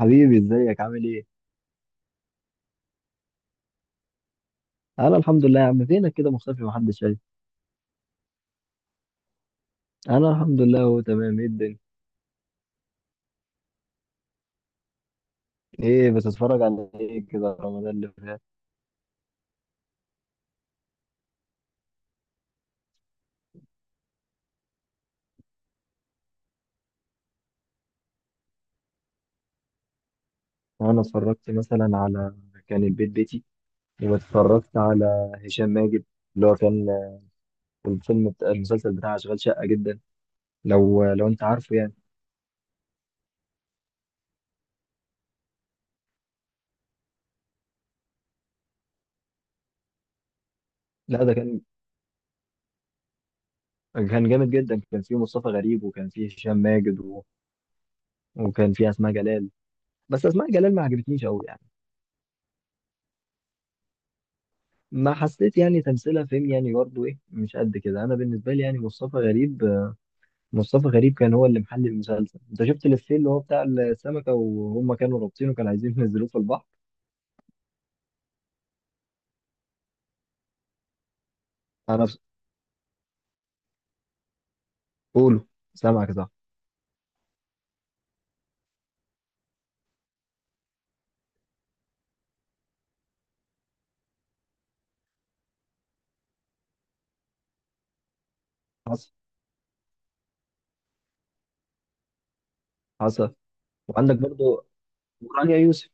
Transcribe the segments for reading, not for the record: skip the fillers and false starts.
حبيبي، ازيك عامل ايه؟ انا الحمد لله يا عم. فينك كده مختفي؟ محدش شايف. انا الحمد لله، هو تمام. ايه الدنيا؟ ايه بتتفرج على ايه كده رمضان اللي فات؟ انا اتفرجت مثلا على كان البيت بيتي. واتفرجت على هشام ماجد، اللي هو كان الفيلم بتاع المسلسل بتاع اشغال شقة جدا، لو انت عارفه يعني. لا، ده كان جامد جدا. كان فيه مصطفى غريب، وكان فيه هشام ماجد، وكان فيه اسماء جلال. بس اسماء جلال ما عجبتنيش قوي. ما حسيت، يعني تمثيلها فيلم، يعني برضه ايه، مش قد كده. انا بالنسبه لي يعني مصطفى غريب، مصطفى غريب كان هو اللي محل المسلسل. انت شفت الإفيه اللي هو بتاع السمكه، وهم كانوا رابطينه كانوا عايزين ينزلوه في البحر؟ انا بس- قولوا، سامعك صح. حصل، حصل. وعندك برضه رانيا يوسف.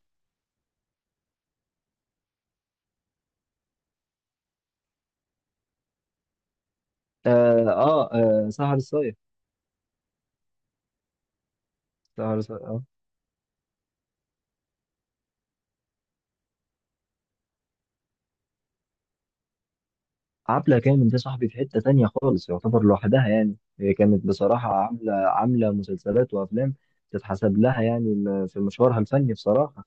اه، اه, سهر الصايغ. سهر الصايغ، اه. عبلة كامل ده صاحبي في حته تانيه خالص، يعتبر لوحدها. يعني هي كانت بصراحه عامله مسلسلات وافلام تتحسب لها، يعني في مشوارها الفني بصراحه.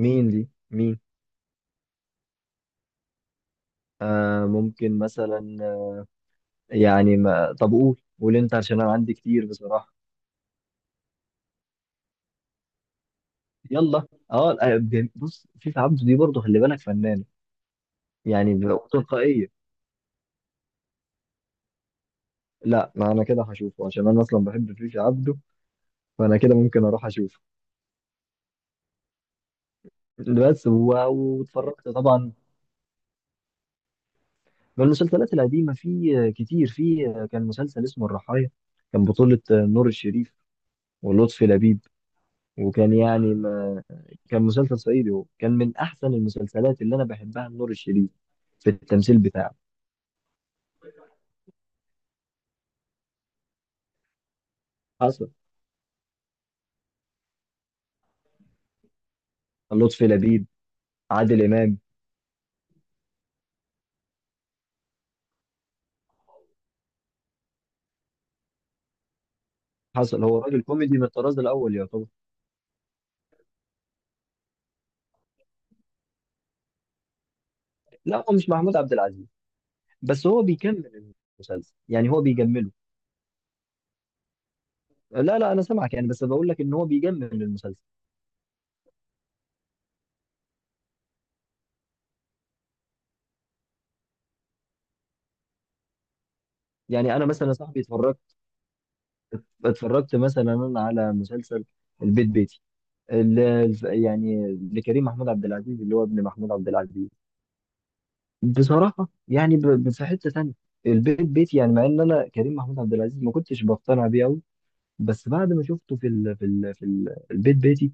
مين دي؟ مين؟ ممكن مثلا، يعني ما، طب قول، قول انت، عشان انا عندي كتير بصراحه. يلا. اه، بص، فيفا عبده دي برضه خلي بالك فنانه، يعني تلقائيه. لا، ما انا كده هشوفه عشان انا اصلا بحب فيفا عبده، فانا كده ممكن اروح اشوفه. بس واتفرجت طبعا. من المسلسلات القديمه في كتير. في كان مسلسل اسمه الرحايا. كان بطوله نور الشريف ولطفي لبيب، وكان يعني ما، كان مسلسل صعيدي. هو كان من احسن المسلسلات اللي انا بحبها لنور الشريف في التمثيل بتاعه. حصل. لطفي لبيب، عادل امام. حصل. هو راجل كوميدي من الطراز الاول يعتبر. لا، هو مش محمود عبد العزيز، بس هو بيكمل المسلسل، يعني هو بيجمله. لا لا، انا سامعك، يعني بس بقول لك ان هو بيجمل المسلسل. يعني انا مثلا يا صاحبي اتفرجت مثلا انا على مسلسل البيت بيتي. يعني لكريم محمود عبد العزيز، اللي هو ابن محمود عبد العزيز. بصراحة يعني في حتة تانية. البيت بيت، يعني مع ان انا كريم محمود عبد العزيز ما كنتش بقتنع بيه قوي، بس بعد ما شفته البيت بيتي،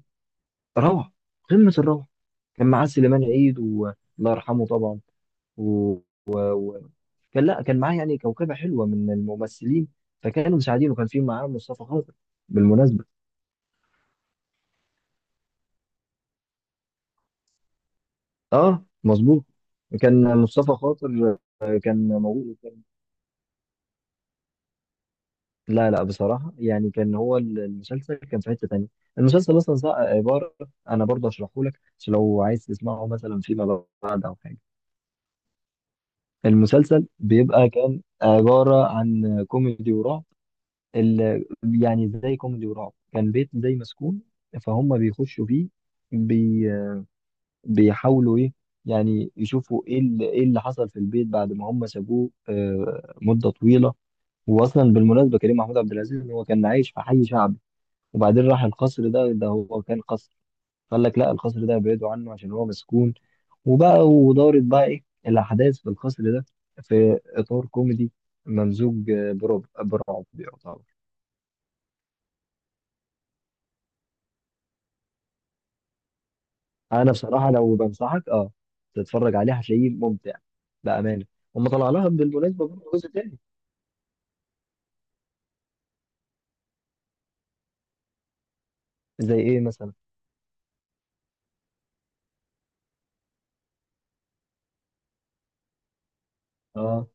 روعة، قمة الروعة. كان معاه سليمان عيد، والله يرحمه طبعا. و... كان لا كان معاه يعني كوكبة حلوة من الممثلين، فكانوا مساعدين. وكان في معاه مصطفى خاطر بالمناسبة. اه مظبوط، كان مصطفى خاطر كان موجود. لا لا، بصراحة يعني كان هو المسلسل كان في حتة تانية. المسلسل أصلا عبارة، أنا برضه هشرحه لك عشان لو عايز تسمعه مثلا فيما بعد أو حاجة. المسلسل بيبقى كان عبارة عن كوميدي ورعب. ال... يعني زي كوميدي ورعب، كان بيت زي مسكون، فهم بيخشوا فيه، بي... بيحاولوا إيه، يعني يشوفوا إيه اللي... حصل في البيت بعد ما هم سابوه مدة طويلة. وأصلا بالمناسبة كريم محمود عبد العزيز هو كان عايش في حي شعبي، وبعدين راح القصر ده هو كان قصر. قال لك لا، القصر ده ابعدوا عنه عشان هو مسكون. وبقى ودارت بقى ايه الاحداث في القصر ده، في اطار كوميدي ممزوج برعب، برعب يعتبر. انا بصراحه لو بنصحك، تتفرج عليه هتلاقيه ممتع بامانه. هم طلع لها بالمناسبه برضه جزء تاني. زي ايه مثلا؟ اه،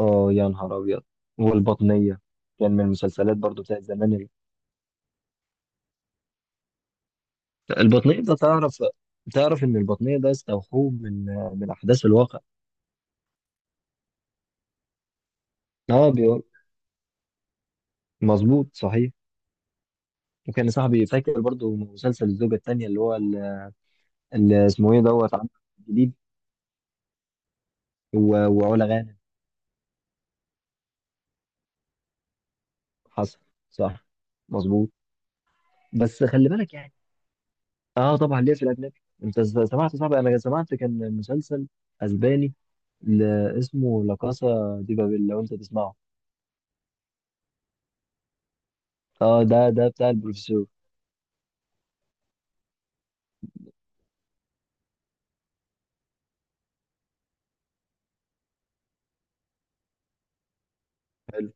اه، يا نهار ابيض. والبطنيه كان من المسلسلات برضه بتاعت زمان. البطنية ده تعرف، تعرف إن البطنية ده استوحوه من أحداث الواقع. اه بيقول، مظبوط صحيح. وكان صاحبي فاكر برضو مسلسل الزوجة التانية، اللي هو اللي اسمه إيه دوت عمل جديد، و- وعلا غانم. حصل. صح، مظبوط. بس خلي بالك يعني. اه، طبعا ليه في الأجنبي. أنت سمعت صاحبي، أنا سمعت كان مسلسل أسباني ل- اسمه لا كاسا دي بابيل، لو أنت تسمعه. اه، ده بتاع البروفيسور. حلو.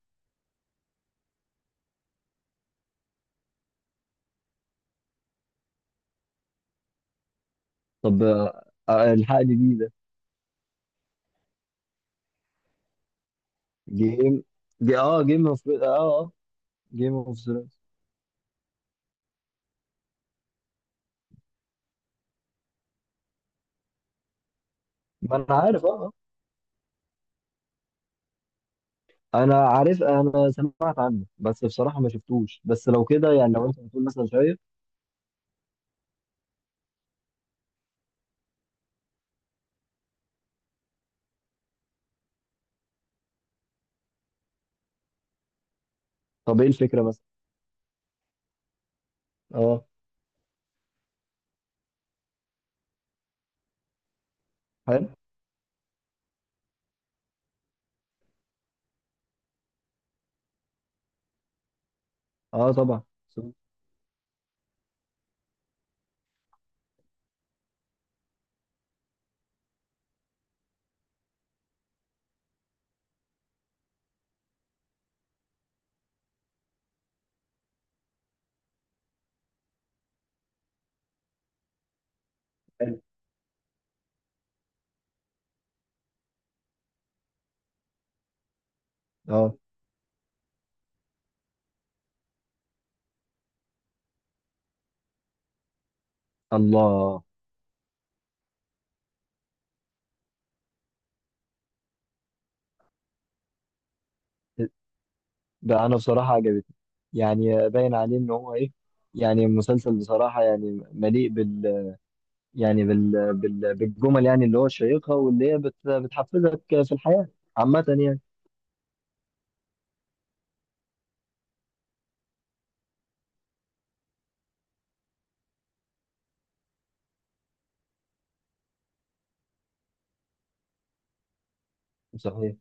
طب، الحقني بيه ده. جيم جي اه جيم اوف اه اه جيم اوف ثرونز. ما انا عارف، اه آه. انا عارف، انا سمعت عنه بس بصراحه ما شفتوش. بس لو كده يعني، لو انت بتقول مثلا شايف. طب ايه الفكره مثلا؟ اه، حلو. اه طبعا. حلو. اه. الله، ده انا بصراحه عجبتني. يعني باين عليه ان هو ايه. يعني مسلسل بصراحه يعني مليء يعني بالجمل، يعني اللي هو الشيقه، واللي هي بتحفزك في الحياه عامه يعني. صحيح.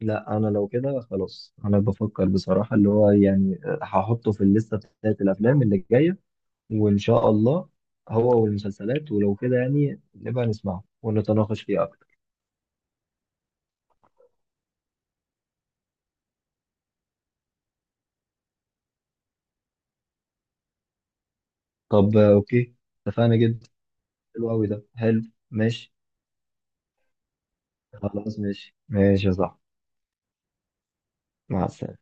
لا انا لو كده خلاص انا بفكر بصراحه، اللي هو يعني هحطه في الليسته بتاعت الافلام اللي جايه وان شاء الله، هو والمسلسلات. ولو كده يعني نبقى نسمعه ونتناقش فيه اكتر. طب، اوكي، اتفقنا جدا. حلو قوي، ده حلو. ماشي. خلاص، ماشي ماشي يا صاحبي. مع السلامه.